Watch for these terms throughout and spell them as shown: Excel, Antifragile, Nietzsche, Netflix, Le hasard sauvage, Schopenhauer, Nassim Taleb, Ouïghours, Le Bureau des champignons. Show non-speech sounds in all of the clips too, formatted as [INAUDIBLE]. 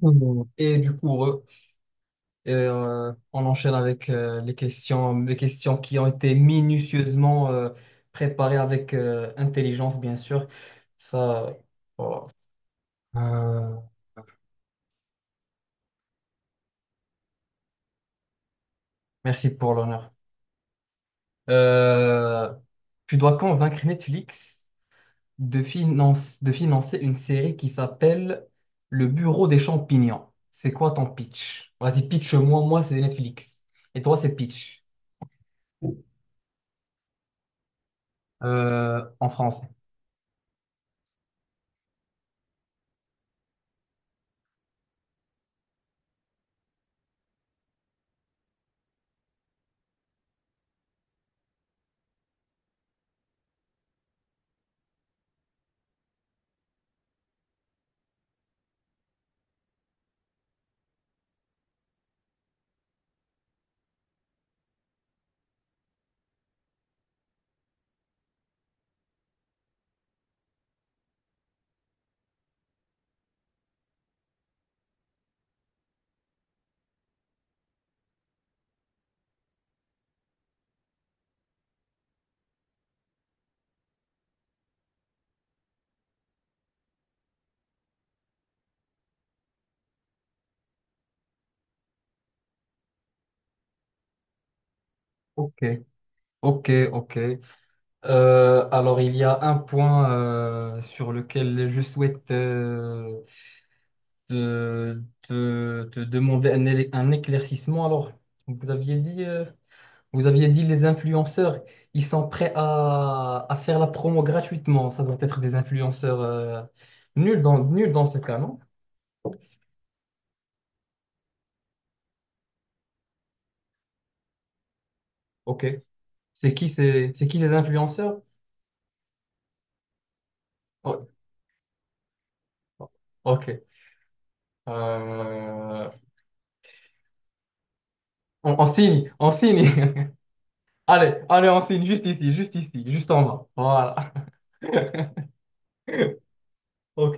Mhm. Et du coup, on enchaîne avec les questions qui ont été minutieusement préparées avec intelligence, bien sûr. Ça, voilà. Euh, Merci pour l'honneur. Euh, Tu dois convaincre Netflix de financer une série qui s'appelle Le Bureau des champignons. C'est quoi ton pitch? Vas-y, pitch-moi. Moi, c'est Netflix. Et toi, c'est pitch. En français. Ok. Ok, ok. Alors, il y a un point sur lequel je souhaite te demander un éclaircissement. Alors, vous aviez dit, euh, vous aviez dit les influenceurs, ils sont prêts à faire la promo gratuitement. Ça doit être des influenceurs nuls dans ce cas, non? Ok. C'est qui ces influenceurs? Oh, ok. Euh, on signe, on signe. [LAUGHS] Allez, allez, on signe juste ici, juste ici, juste en bas. Voilà. [LAUGHS] Ok.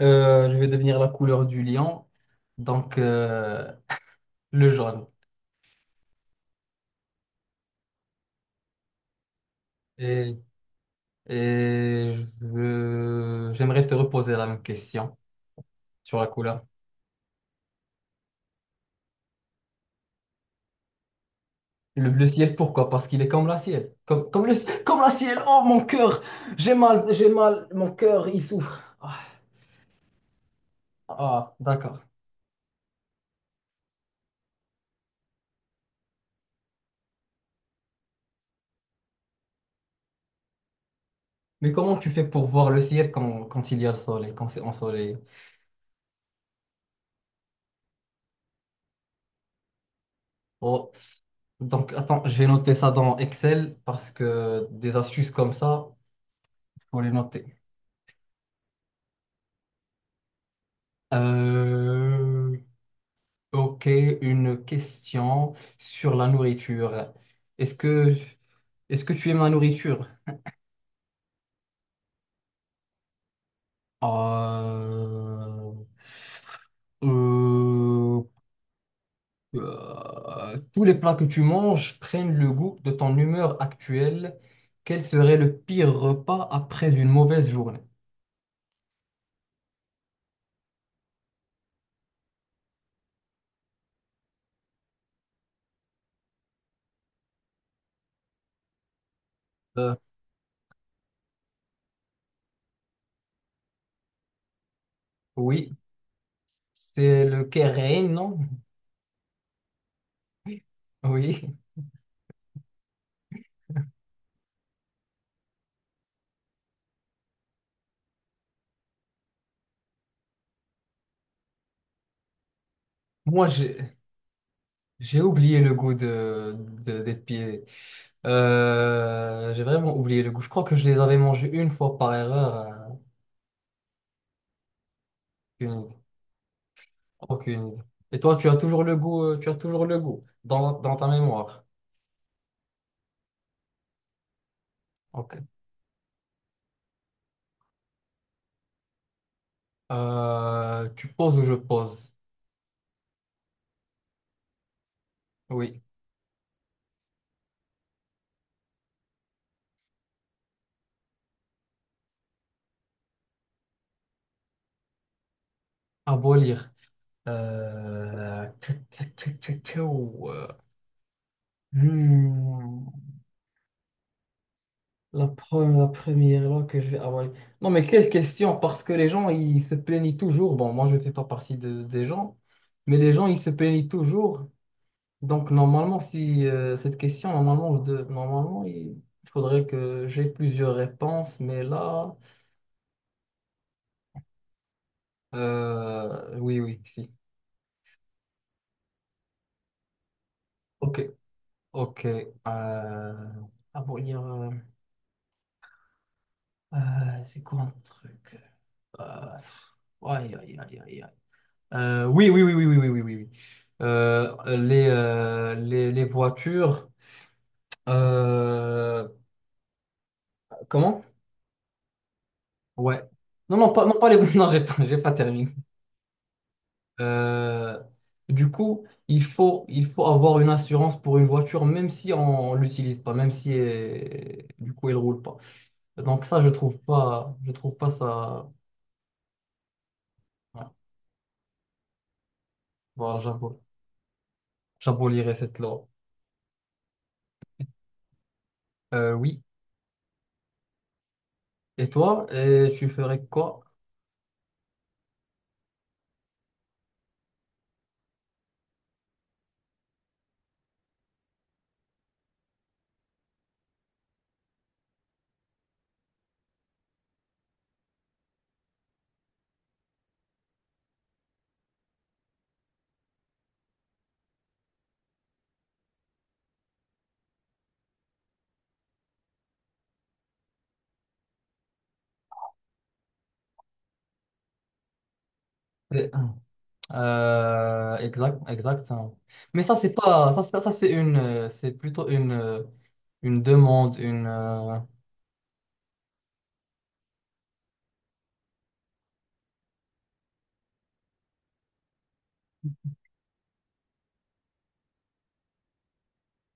Je vais devenir la couleur du lion, donc le jaune. Et, et j'aimerais te reposer la même question sur la couleur. Le bleu ciel, pourquoi? Parce qu'il est comme la ciel. Comme la ciel. Oh, mon cœur! J'ai mal. Mon cœur, il souffre. Ah, ah, d'accord. Mais comment tu fais pour voir le ciel quand il y a le soleil, quand c'est ensoleillé? Oh. Donc, attends, je vais noter ça dans Excel parce que des astuces comme ça, il faut les noter. Euh, ok, une question sur la nourriture. Est-ce que, est-ce que tu aimes la nourriture? Euh, euh, Tous les plats que tu manges prennent le goût de ton humeur actuelle. Quel serait le pire repas après une mauvaise journée? Euh, oui, c'est le kérén, non? [LAUGHS] Oui. Moi, j'ai oublié le goût de, des pieds. J'ai vraiment oublié le goût. Je crois que je les avais mangés une fois par erreur. Aucune idée. Aucune idée. Et toi, tu as toujours le goût, tu as toujours le goût dans, dans ta mémoire. Ok. Tu poses ou je pose? Oui. Abolir. Tic, tic, tic, tic, tic, ou, hmm. La première là que je vais avaler. Non, mais quelle question, parce que les gens, ils se plaignent toujours. Bon, moi, je ne fais pas partie des gens, mais les gens, ils se plaignent toujours. Donc, normalement, si cette question, normalement, normalement, il faudrait que j'ai plusieurs réponses, mais là, oui, oui, si. Ok, ok. Ah bon, c'est quoi un truc? Euh, pff, aïe, aïe, aïe, aïe, aïe. Oui, oui, oui, oui, oui, oui, oui, oui, oui. Les voitures. euh, Comment? Ouais. Non, non, pas les. [LAUGHS] Non, j'ai pas terminé. Euh, du coup, il faut avoir une assurance pour une voiture, même si on l'utilise pas, même si elle- du coup elle roule pas. Donc ça, je trouve pas ça. Ouais. Voilà, j'abolirai cette loi. Oui. Et toi, et tu ferais quoi? Exactement. Mais ça, ça, c'est c'est plutôt une demande, une.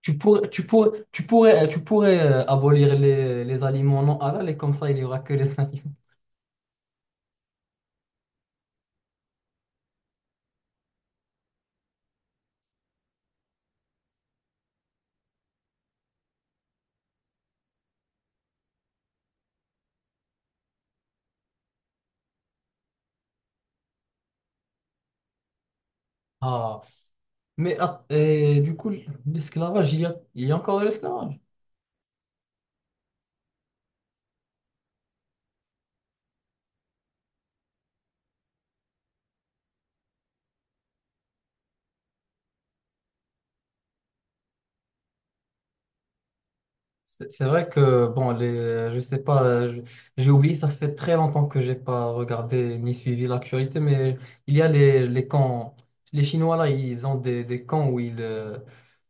Tu pourrais abolir les aliments non halal et comme ça, il y aura que les [LAUGHS] aliments. Ah, mais ah, et du coup, l'esclavage, il y a encore de l'esclavage. C'est vrai que, bon, les, je sais pas, je- j'ai oublié, ça fait très longtemps que j'ai pas regardé ni suivi l'actualité, mais il y a les camps, les Chinois là, ils ont des camps où ils,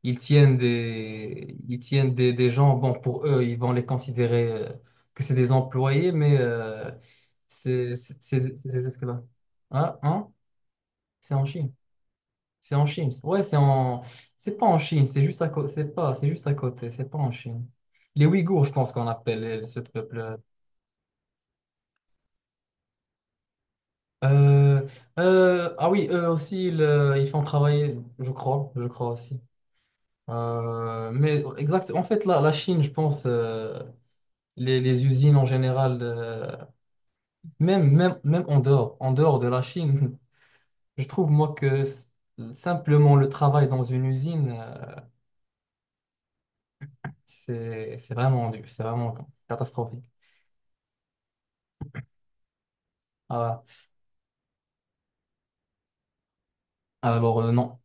ils tiennent des gens, bon, pour eux, ils vont les considérer que c'est des employés, mais c'est c'est des esclaves. Ah, hein? C'est en Chine. C'est en Chine. Ouais, c'est en. C'est pas en Chine, c'est juste à côté. C'est pas, c'est juste à côté, c'est pas en Chine. Les Ouïghours, je pense qu'on appelle ce peuple. Euh, ah oui, eux aussi, ils font travailler, je crois aussi. Mais exact, en fait, la Chine, je pense, les usines en général, même en dehors de la Chine, [LAUGHS] je trouve, moi, que simplement le travail dans une usine, c'est vraiment dur, c'est vraiment catastrophique. Ah ouais. Alors, non,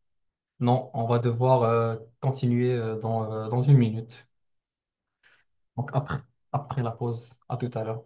non, on va devoir continuer dans une minute. Donc, après, après la pause, à tout à l'heure.